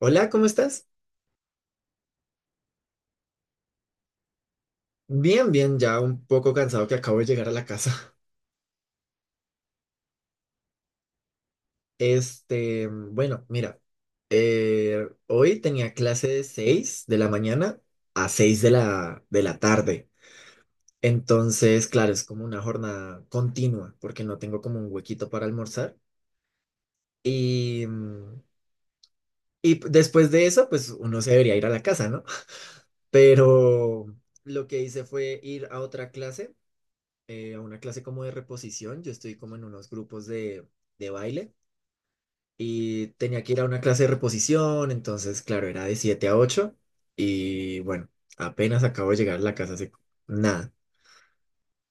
Hola, ¿cómo estás? Bien, bien, ya un poco cansado que acabo de llegar a la casa. Este, bueno, mira, hoy tenía clase de 6 de la mañana a 6 de la tarde. Entonces, claro, es como una jornada continua porque no tengo como un huequito para almorzar. Y, mm, y después de eso, pues uno se debería ir a la casa, ¿no? Pero lo que hice fue ir a otra clase, a una clase como de reposición. Yo estoy como en unos grupos de baile y tenía que ir a una clase de reposición, entonces, claro, era de 7 a 8 y bueno, apenas acabo de llegar a la casa hace nada.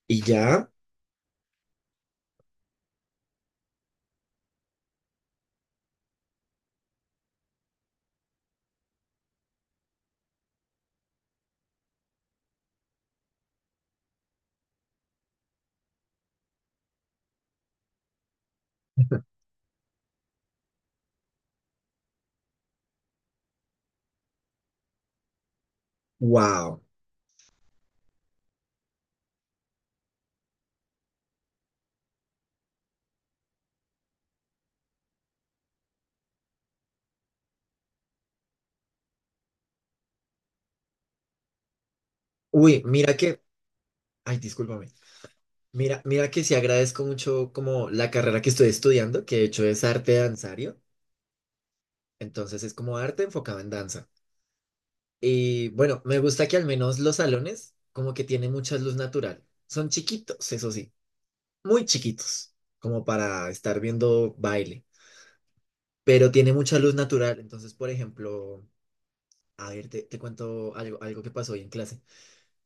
Y ya. Wow. Uy, mira que, ay, discúlpame. Mira, mira que sí agradezco mucho como la carrera que estoy estudiando, que de hecho es arte danzario, entonces es como arte enfocado en danza. Y bueno, me gusta que al menos los salones como que tienen mucha luz natural. Son chiquitos, eso sí, muy chiquitos, como para estar viendo baile, pero tiene mucha luz natural. Entonces, por ejemplo, a ver, te cuento algo, algo que pasó hoy en clase.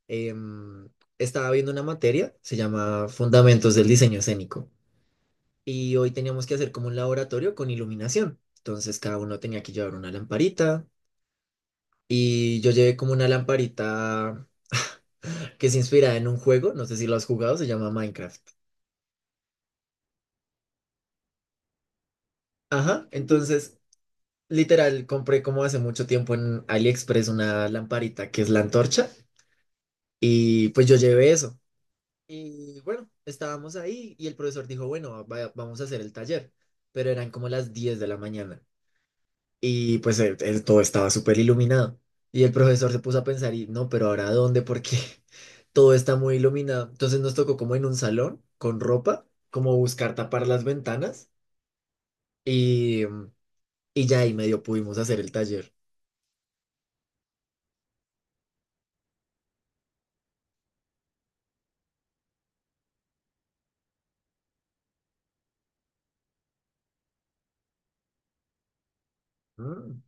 Em, Estaba viendo una materia, se llama Fundamentos del Diseño Escénico, y hoy teníamos que hacer como un laboratorio con iluminación. Entonces, cada uno tenía que llevar una lamparita y yo llevé como una lamparita. Que se inspira en un juego, no sé si lo has jugado, se llama Minecraft. Ajá, entonces, literal, compré como hace mucho tiempo en AliExpress una lamparita que es la antorcha y pues yo llevé eso. Y bueno, estábamos ahí y el profesor dijo, bueno, vamos a hacer el taller, pero eran como las 10 de la mañana y pues todo estaba súper iluminado. Y el profesor se puso a pensar y no, pero ahora ¿a dónde? Porque todo está muy iluminado. Entonces nos tocó como en un salón con ropa, como buscar tapar las ventanas. Y, y ya ahí medio pudimos hacer el taller. Mm.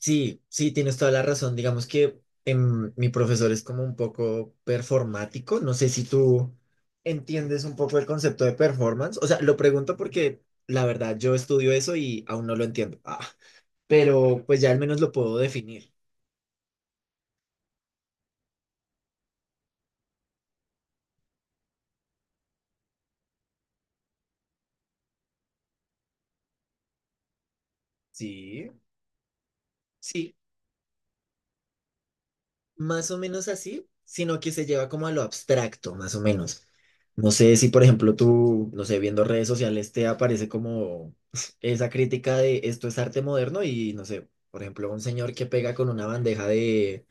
Sí, sí, tienes toda la razón. Digamos que, mi profesor es como un poco performático. No sé si tú entiendes un poco el concepto de performance. O sea, lo pregunto porque la verdad yo estudio eso y aún no lo entiendo. Ah, pero pues ya al menos lo puedo definir. Sí. Sí, más o menos así, sino que se lleva como a lo abstracto, más o menos. No sé si, por ejemplo, tú, no sé, viendo redes sociales te aparece como esa crítica de esto es arte moderno y, no sé, por ejemplo, un señor que pega con una bandeja de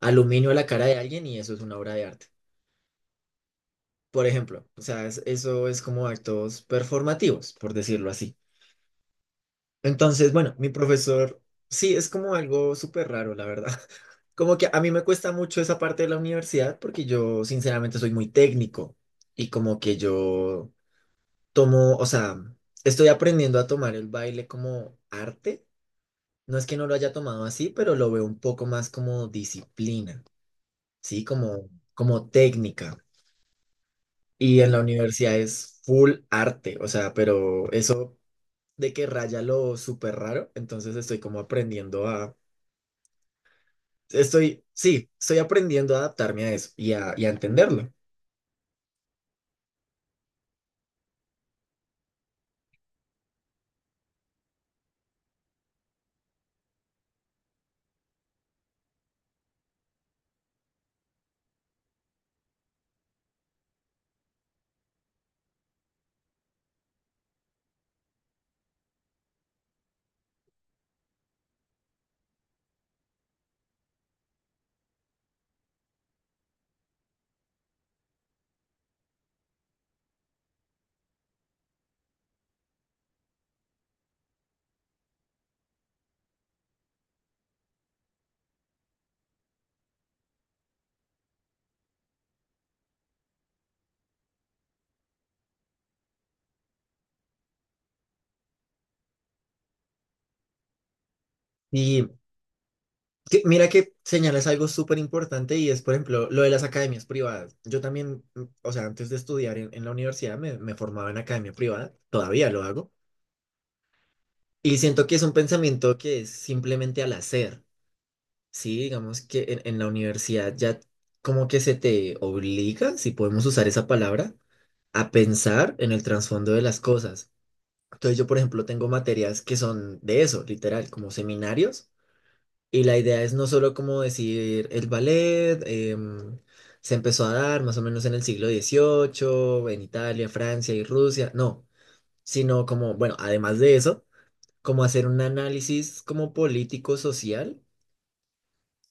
aluminio a la cara de alguien y eso es una obra de arte. Por ejemplo, o sea, eso es como actos performativos, por decirlo así. Entonces, bueno, mi profesor, sí, es como algo súper raro, la verdad. Como que a mí me cuesta mucho esa parte de la universidad porque yo sinceramente soy muy técnico y como que yo tomo, o sea, estoy aprendiendo a tomar el baile como arte. No es que no lo haya tomado así, pero lo veo un poco más como disciplina, ¿sí? Como técnica. Y en la universidad es full arte, o sea, pero eso de que raya lo súper raro, entonces estoy como aprendiendo a estoy, sí, estoy aprendiendo a adaptarme a eso y a entenderlo. Y mira que señalas algo súper importante y es, por ejemplo, lo de las academias privadas. Yo también, o sea, antes de estudiar en la universidad me formaba en academia privada, todavía lo hago. Y siento que es un pensamiento que es simplemente al hacer, ¿sí? Digamos que en la universidad ya como que se te obliga, si podemos usar esa palabra, a pensar en el trasfondo de las cosas. Entonces yo, por ejemplo, tengo materias que son de eso, literal, como seminarios, y la idea es no solo como decir el ballet, se empezó a dar más o menos en el siglo XVIII en Italia, Francia y Rusia, no, sino como, bueno, además de eso, como hacer un análisis como político-social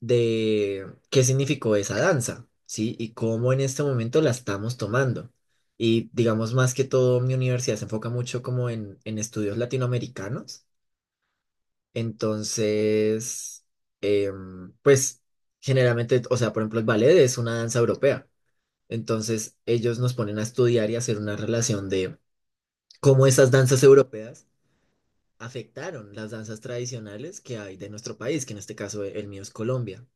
de qué significó esa danza, ¿sí? Y cómo en este momento la estamos tomando. Y digamos más que todo, mi universidad se enfoca mucho como en estudios latinoamericanos. Entonces, pues generalmente, o sea, por ejemplo, el ballet es una danza europea. Entonces, ellos nos ponen a estudiar y hacer una relación de cómo esas danzas europeas afectaron las danzas tradicionales que hay de nuestro país, que en este caso el mío es Colombia.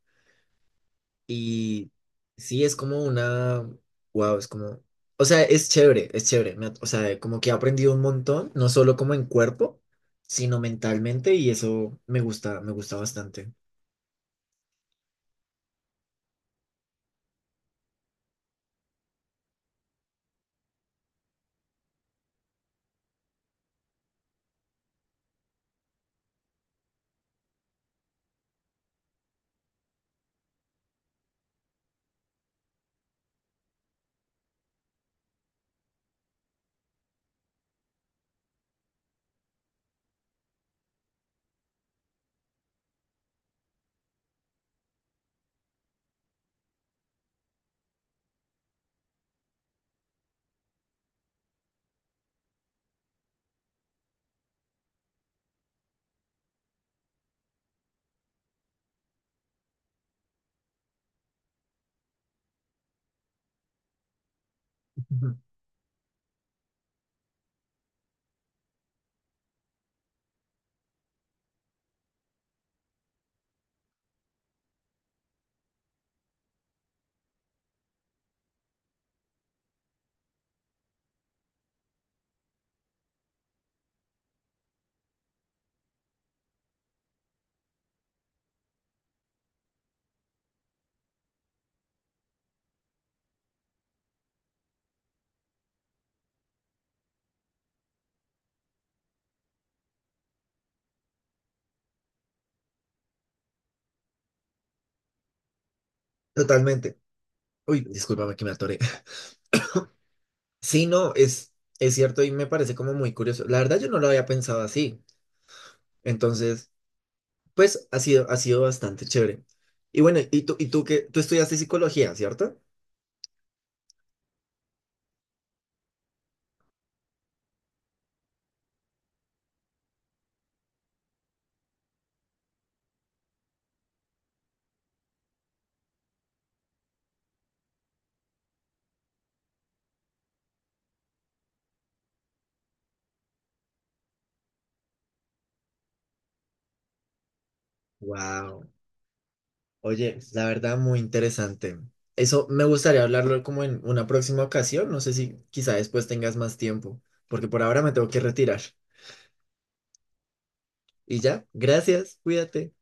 Y sí, es como una, wow, es como, o sea, es chévere, es chévere. O sea, como que he aprendido un montón, no solo como en cuerpo, sino mentalmente, y eso me gusta bastante. Totalmente. Uy, discúlpame que me atoré. Sí, no, es cierto y me parece como muy curioso. La verdad yo no lo había pensado así. Entonces, pues ha sido bastante chévere. Y bueno, tú estudiaste psicología, ¿cierto? Wow. Oye, la verdad muy interesante. Eso me gustaría hablarlo como en una próxima ocasión. No sé si quizá después tengas más tiempo, porque por ahora me tengo que retirar. Y ya, gracias, cuídate.